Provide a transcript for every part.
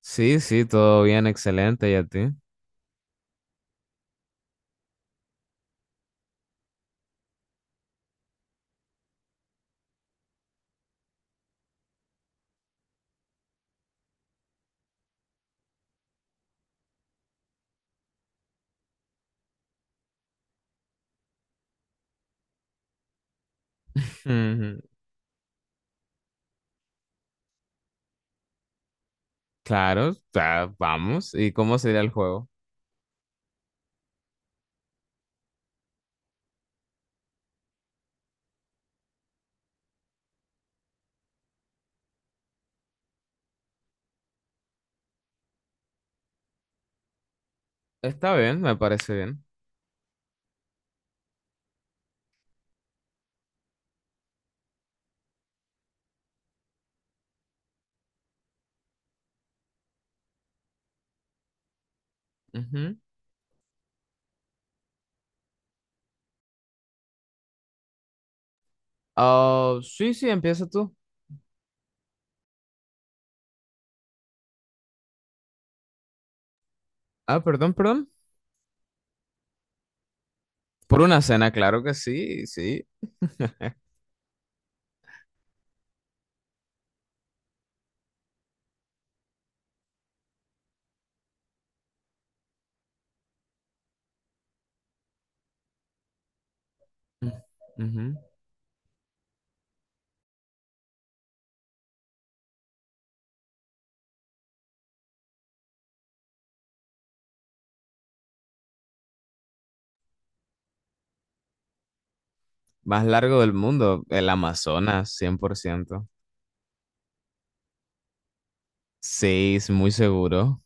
Sí, sí, todo bien, excelente, ¿y a ti? Ujú. Claro, o vamos. ¿Y cómo sería el juego? Está bien, me parece bien. Ujú. Ah, sí, sí, empieza tú. Ah, perdón, perdón. Por una cena, claro que sí, sí. Mm. Ujú. Más largo del mundo, el Amazonas, 100%. Sí, es muy seguro.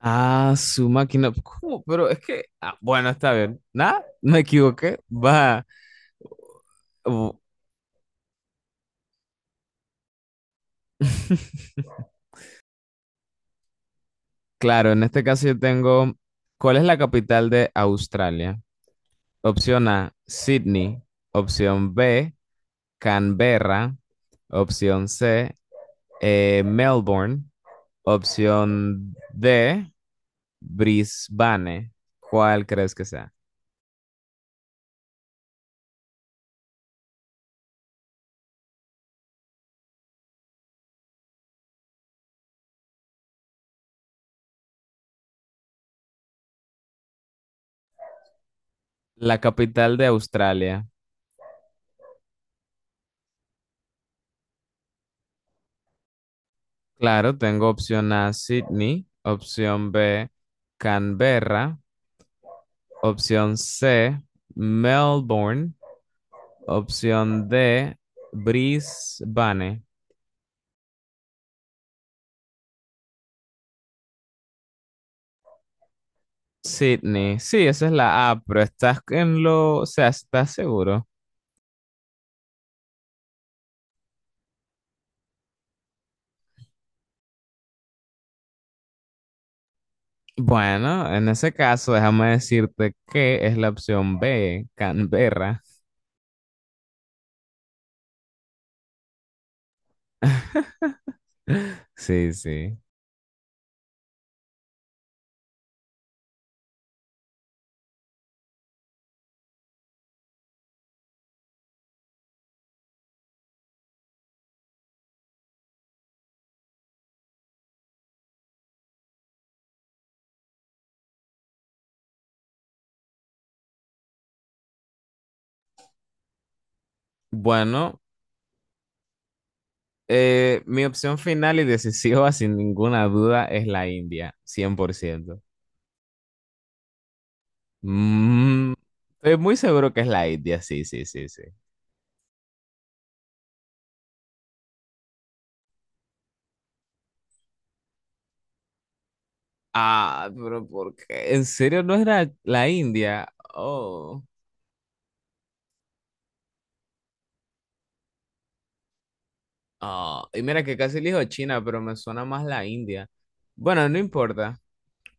Ah, su máquina. ¿Cómo? Pero es que... ah, bueno, está bien. Nada, me equivoqué. Va. Bu- Claro, en este caso yo tengo, ¿cuál es la capital de Australia? Opción A, Sydney. Opción B, Canberra. Opción C, Melbourne. Opción D, Brisbane. ¿Cuál crees que sea? La capital de Australia. Claro, tengo opción A, Sydney. Opción B, Canberra. Opción C, Melbourne. Opción D, Brisbane. Sydney. Sí, esa es la A, pero estás en lo, o sea, ¿estás seguro? Bueno, en ese caso, déjame decirte que es la opción B, Canberra. Sí, sí. Bueno, mi opción final y decisiva, sin ninguna duda, es la India, 100%. Mm, estoy muy seguro que es la India, sí, sí, sí, sí. Ah, pero ¿por qué? ¿En serio no era la India? Oh, ah, y mira que casi elijo China, pero me suena más la India. Bueno, no importa.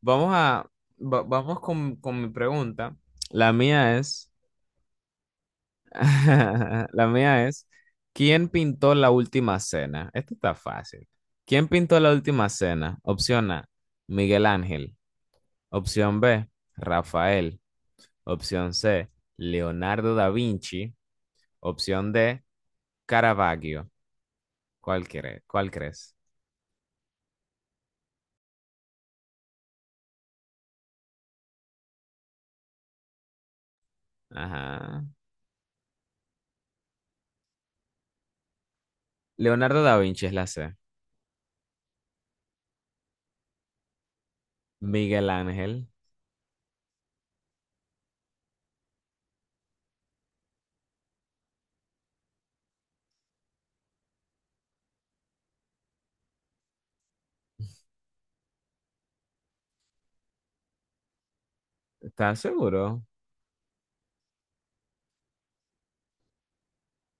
Vamos a, vamos con mi pregunta. La mía es, la mía es, ¿quién pintó la última cena? Esto está fácil. ¿Quién pintó la última cena? Opción A, Miguel Ángel. Opción B, Rafael. Opción C, Leonardo da Vinci. Opción D, Caravaggio. Cuál crees? Ajá. Leonardo da Vinci es la C. Miguel Ángel. ¿Estás seguro?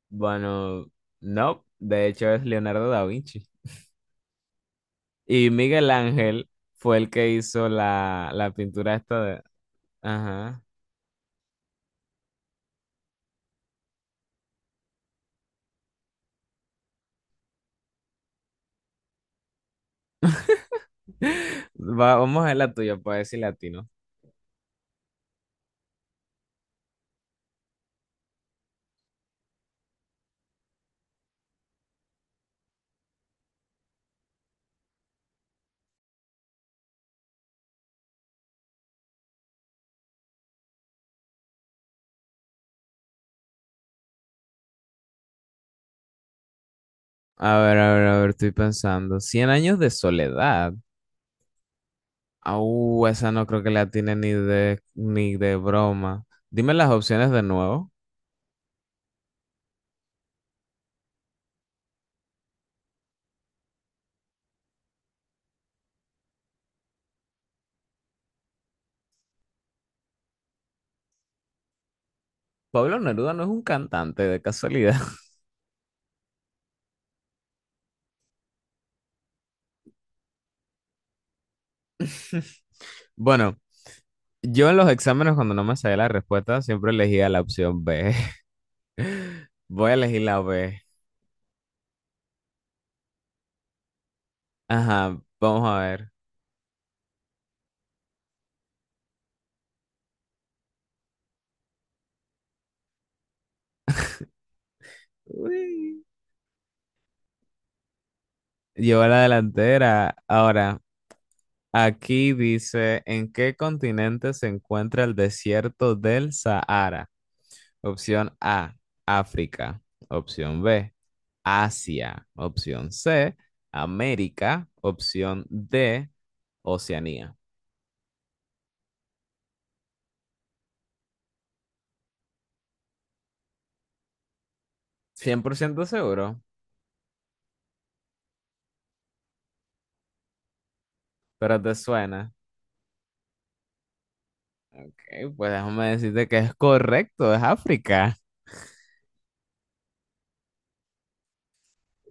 Bueno, no. De hecho, es Leonardo da Vinci. Y Miguel Ángel fue el que hizo la, la pintura esta de... Ajá. Vamos a ver la tuya, pues, decir latino. A ver, a ver, a ver, estoy pensando. Cien años de soledad. Ah, esa no creo que la tiene ni de, ni de broma. Dime las opciones de nuevo. Pablo Neruda no es un cantante de casualidad. Bueno, yo en los exámenes cuando no me sabía la respuesta siempre elegía la opción B. Voy a elegir la B. Ajá, vamos a ver. Uy. Llevo la delantera. Ahora, aquí dice, ¿en qué continente se encuentra el desierto del Sahara? Opción A, África. Opción B, Asia. Opción C, América. Opción D, Oceanía. Cien por ciento seguro, pero te suena. Ok, pues déjame decirte que es correcto, es África.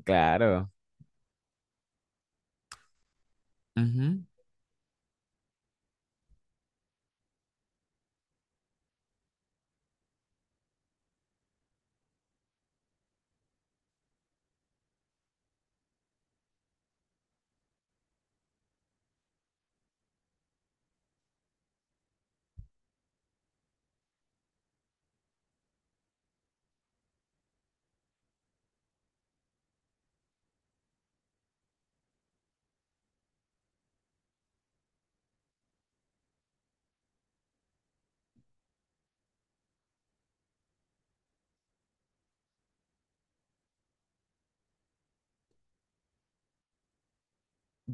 Claro. Ujú.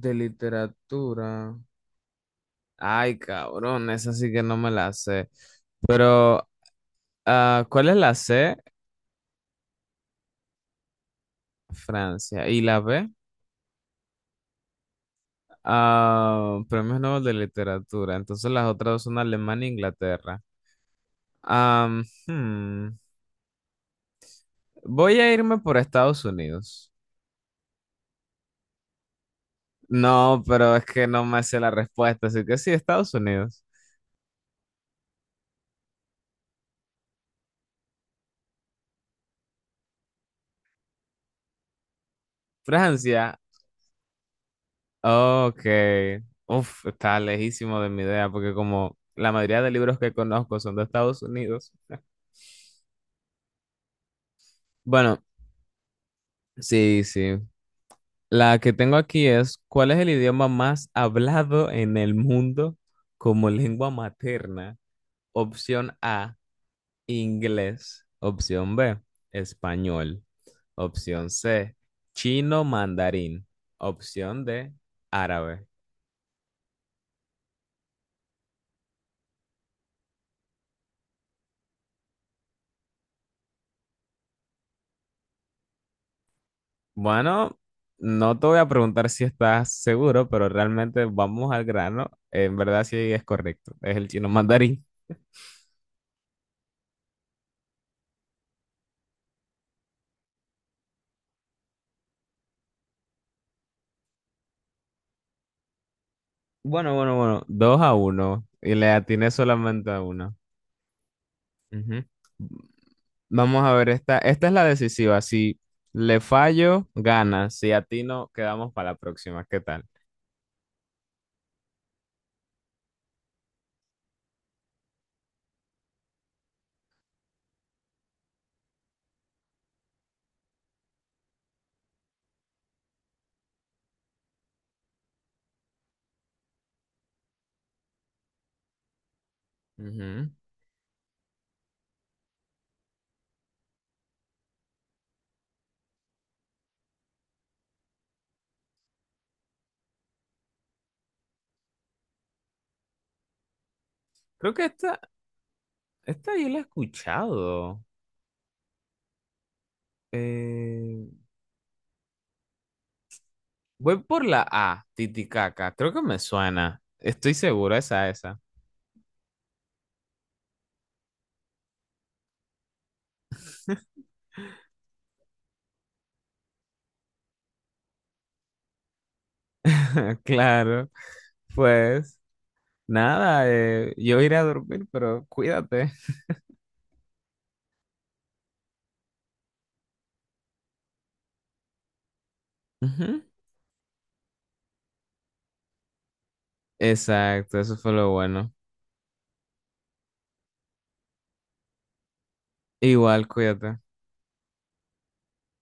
De literatura. Ay, cabrón, esa sí que no me la sé. Pero, ah, ¿cuál es la C? Francia. ¿Y la B? Ah, premios Nobel de literatura. Entonces las otras dos son Alemania e Inglaterra. Am, hmm, Voy a irme por Estados Unidos. No, pero es que no me sé la respuesta, así que sí, Estados Unidos. Francia, ok. Uf, está lejísimo de mi idea, porque como la mayoría de libros que conozco son de Estados Unidos. Bueno, sí, sí. La que tengo aquí es, ¿cuál es el idioma más hablado en el mundo como lengua materna? Opción A, inglés. Opción B, español. Opción C, chino mandarín. Opción D, árabe. Bueno, no te voy a preguntar si estás seguro, pero realmente vamos al grano. En verdad sí es correcto. Es el chino mandarín. Bueno, bueno, bueno. Dos a uno. Y le atiné solamente a uno. Ujú. Vamos a ver esta. Esta es la decisiva. Si le fallo, gana. Si atino, quedamos para la próxima. ¿Qué tal? Ujú. Creo que esta yo la he escuchado. Eh, voy por la A, Titicaca. Creo que me suena. Estoy seguro, esa, esa. Claro. Pues nada, yo iré a dormir, pero cuídate. Ujú. Exacto, eso fue lo bueno. Igual, cuídate.